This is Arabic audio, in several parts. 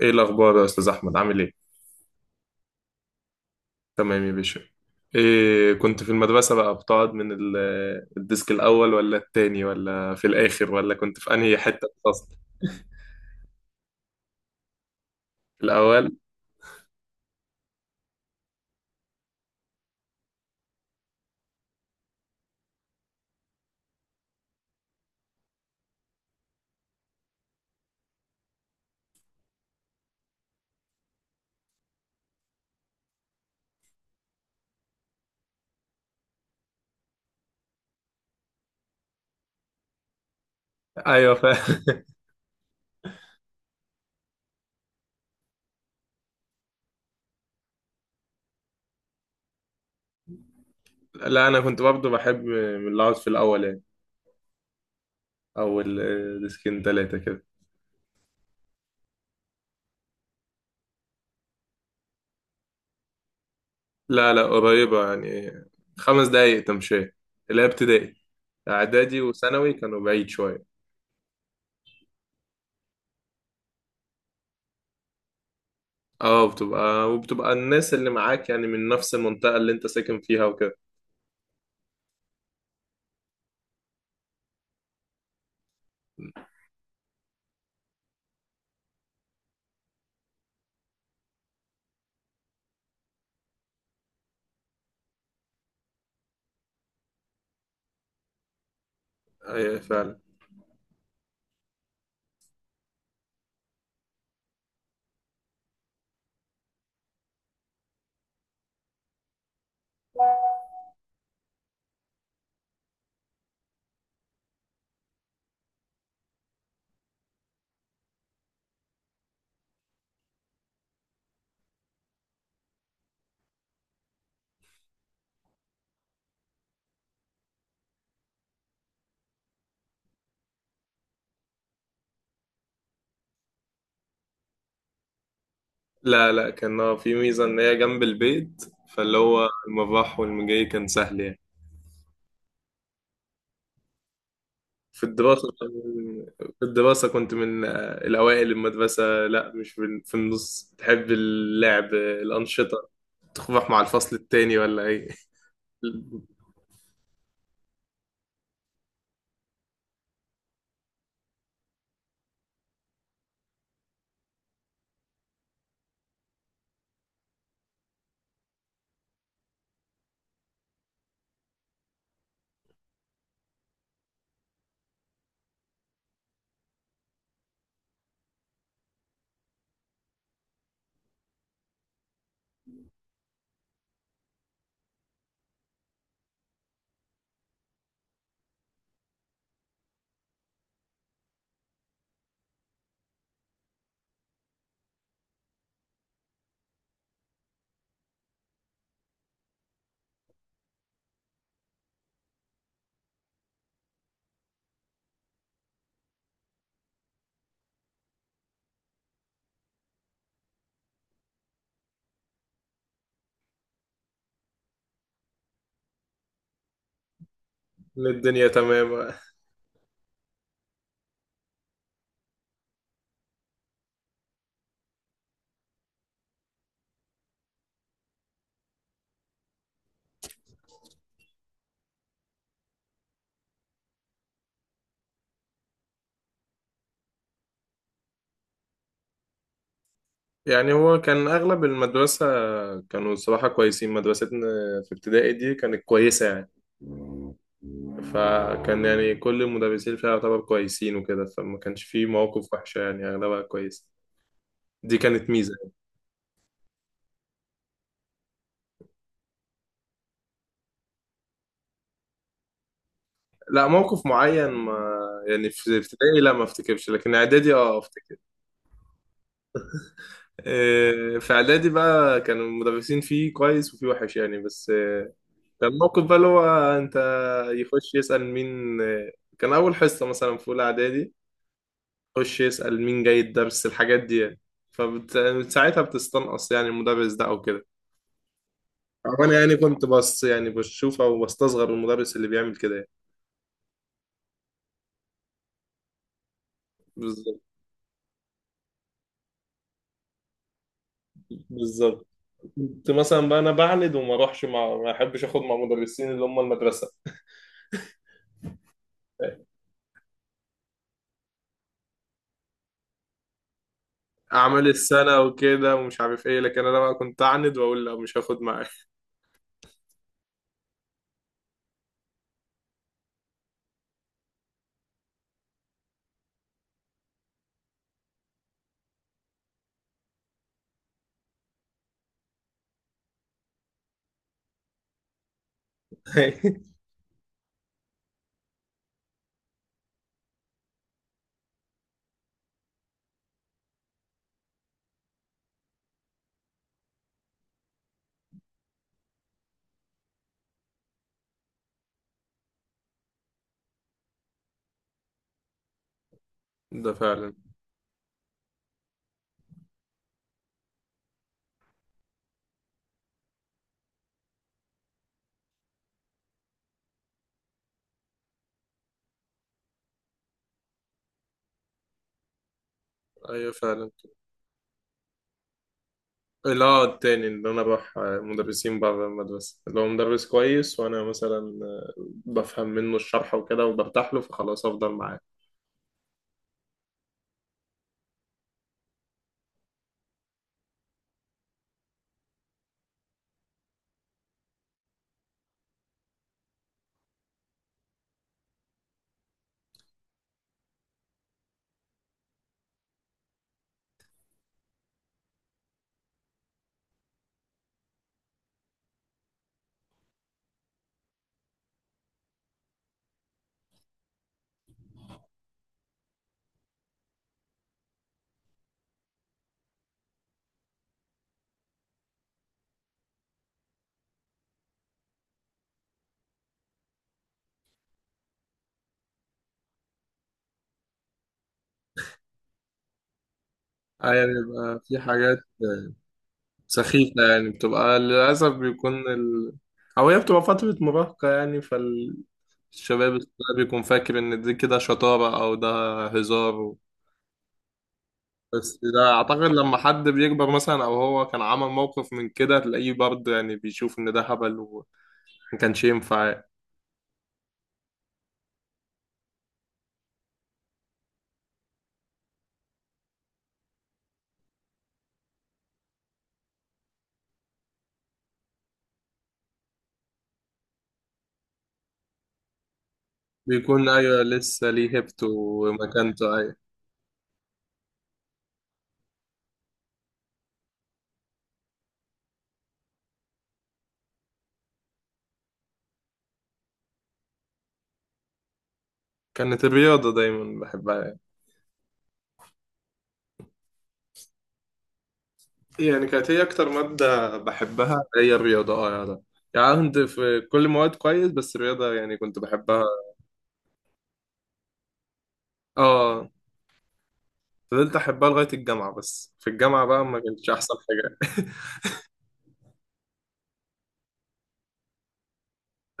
ايه الاخبار يا استاذ احمد عامل ايه؟ تمام يا باشا. إيه، كنت في المدرسه بقى بتقعد من الديسك الاول ولا التاني ولا في الاخر، ولا كنت في انهي حته في الفصل؟ الاول. ايوه لا، انا كنت برضه بحب من اللي اقعد في الاول يعني، او الديسكين تلاتة كده. لا لا، قريبه يعني، خمس دقايق تمشي، اللي هي ابتدائي. اعدادي وثانوي كانوا بعيد شويه. اه، بتبقى وبتبقى الناس اللي معاك يعني من نفس المنطقه اللي انت ساكن فيها وكده. ايوه فعلا. لا لا، كان في ميزة إن هي جنب البيت، فاللي هو المباح والمجاي كان سهل يعني. في الدراسة. في الدراسة كنت من الأوائل المدرسة، لا مش في النص، تحب اللعب الأنشطة، تروح مع الفصل التاني ولا إيه؟ الدنيا تمام. يعني هو كان أغلب المدرسة كانوا صراحة كويسين. مدرستنا في ابتدائي دي كانت كويسة يعني، فكان يعني كل المدرسين فيها يعتبر كويسين وكده، فما كانش فيه مواقف وحشة يعني، أغلبها كويسة. دي كانت ميزة يعني. لا موقف معين ما، يعني في ابتدائي لا ما افتكرش، لكن إعدادي اه أفتكر. إيه، في إعدادي بقى كانوا المدرسين فيه كويس وفيه وحش يعني، بس كان موقف بقى اللي هو، انت، يخش يسأل مين. كان اول حصة مثلا في اولى اعدادي، يخش يسأل مين جاي الدرس، الحاجات دي يعني، فساعتها بتستنقص يعني المدرس ده او كده، او انا يعني كنت بس يعني بشوف او بستصغر المدرس اللي بيعمل كده يعني. بالظبط بالظبط. كنت مثلا بقى انا بعند وما اروحش مع، ما احبش اخد مع مدرسين اللي هم المدرسة، اعمال السنة وكده ومش عارف ايه، لكن انا بقى كنت اعند واقول لا مش هاخد معاك. ده فعلا. ايوه فعلا. اللي هو التاني، اللي انا بروح مدرسين بره المدرسة اللي هو مدرس كويس، وانا مثلا بفهم منه الشرح وكده وبرتاح له، فخلاص افضل معاه. اه يعني بيبقى في حاجات آه، سخيفة يعني، بتبقى للأسف بيكون. أو هي بتبقى فترة مراهقة يعني، فالشباب الصغير بيكون فاكر إن دي كده شطارة أو ده هزار. بس ده أعتقد لما حد بيكبر مثلا أو هو كان عمل موقف من كده، تلاقيه برضه يعني بيشوف إن ده هبل وما كانش ينفع. بيكون أيوة لسه ليه هيبته ومكانته، أيوة. كانت الرياضة دايما بحبها يعني. يعني كانت هي أكتر مادة بحبها هي الرياضة، اه يا ده. يعني كنت في كل مواد كويس، بس الرياضة يعني كنت بحبها. اه. فضلت أحبها لغاية الجامعة، بس في الجامعة بقى ما كانتش أحسن حاجة.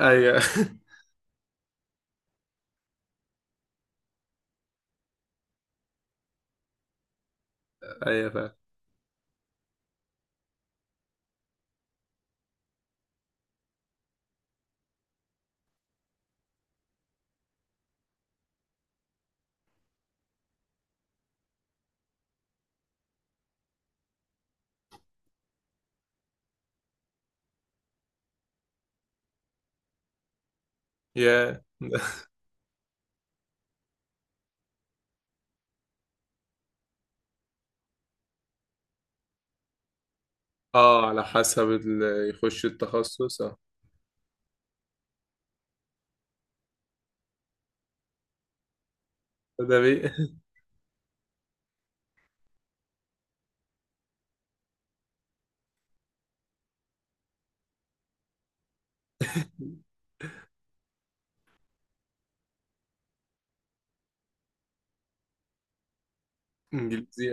أيوة. أيوة فعلا. يا اه، على حسب اللي يخش التخصص اه. ده بيه. إنجليزي.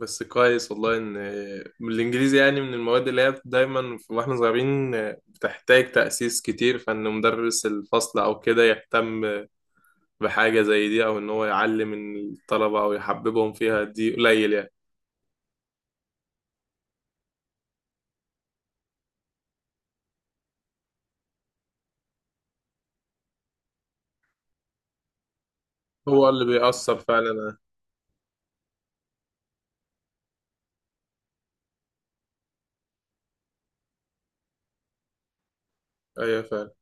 بس كويس والله ان الانجليزي يعني من المواد اللي هي دايما واحنا صغيرين بتحتاج تأسيس كتير، فان مدرس الفصل او كده يهتم بحاجة زي دي، او ان هو يعلم الطلبة او يحببهم فيها، دي قليل يعني. هو اللي بيأثر فعلا. ايوه فعلا.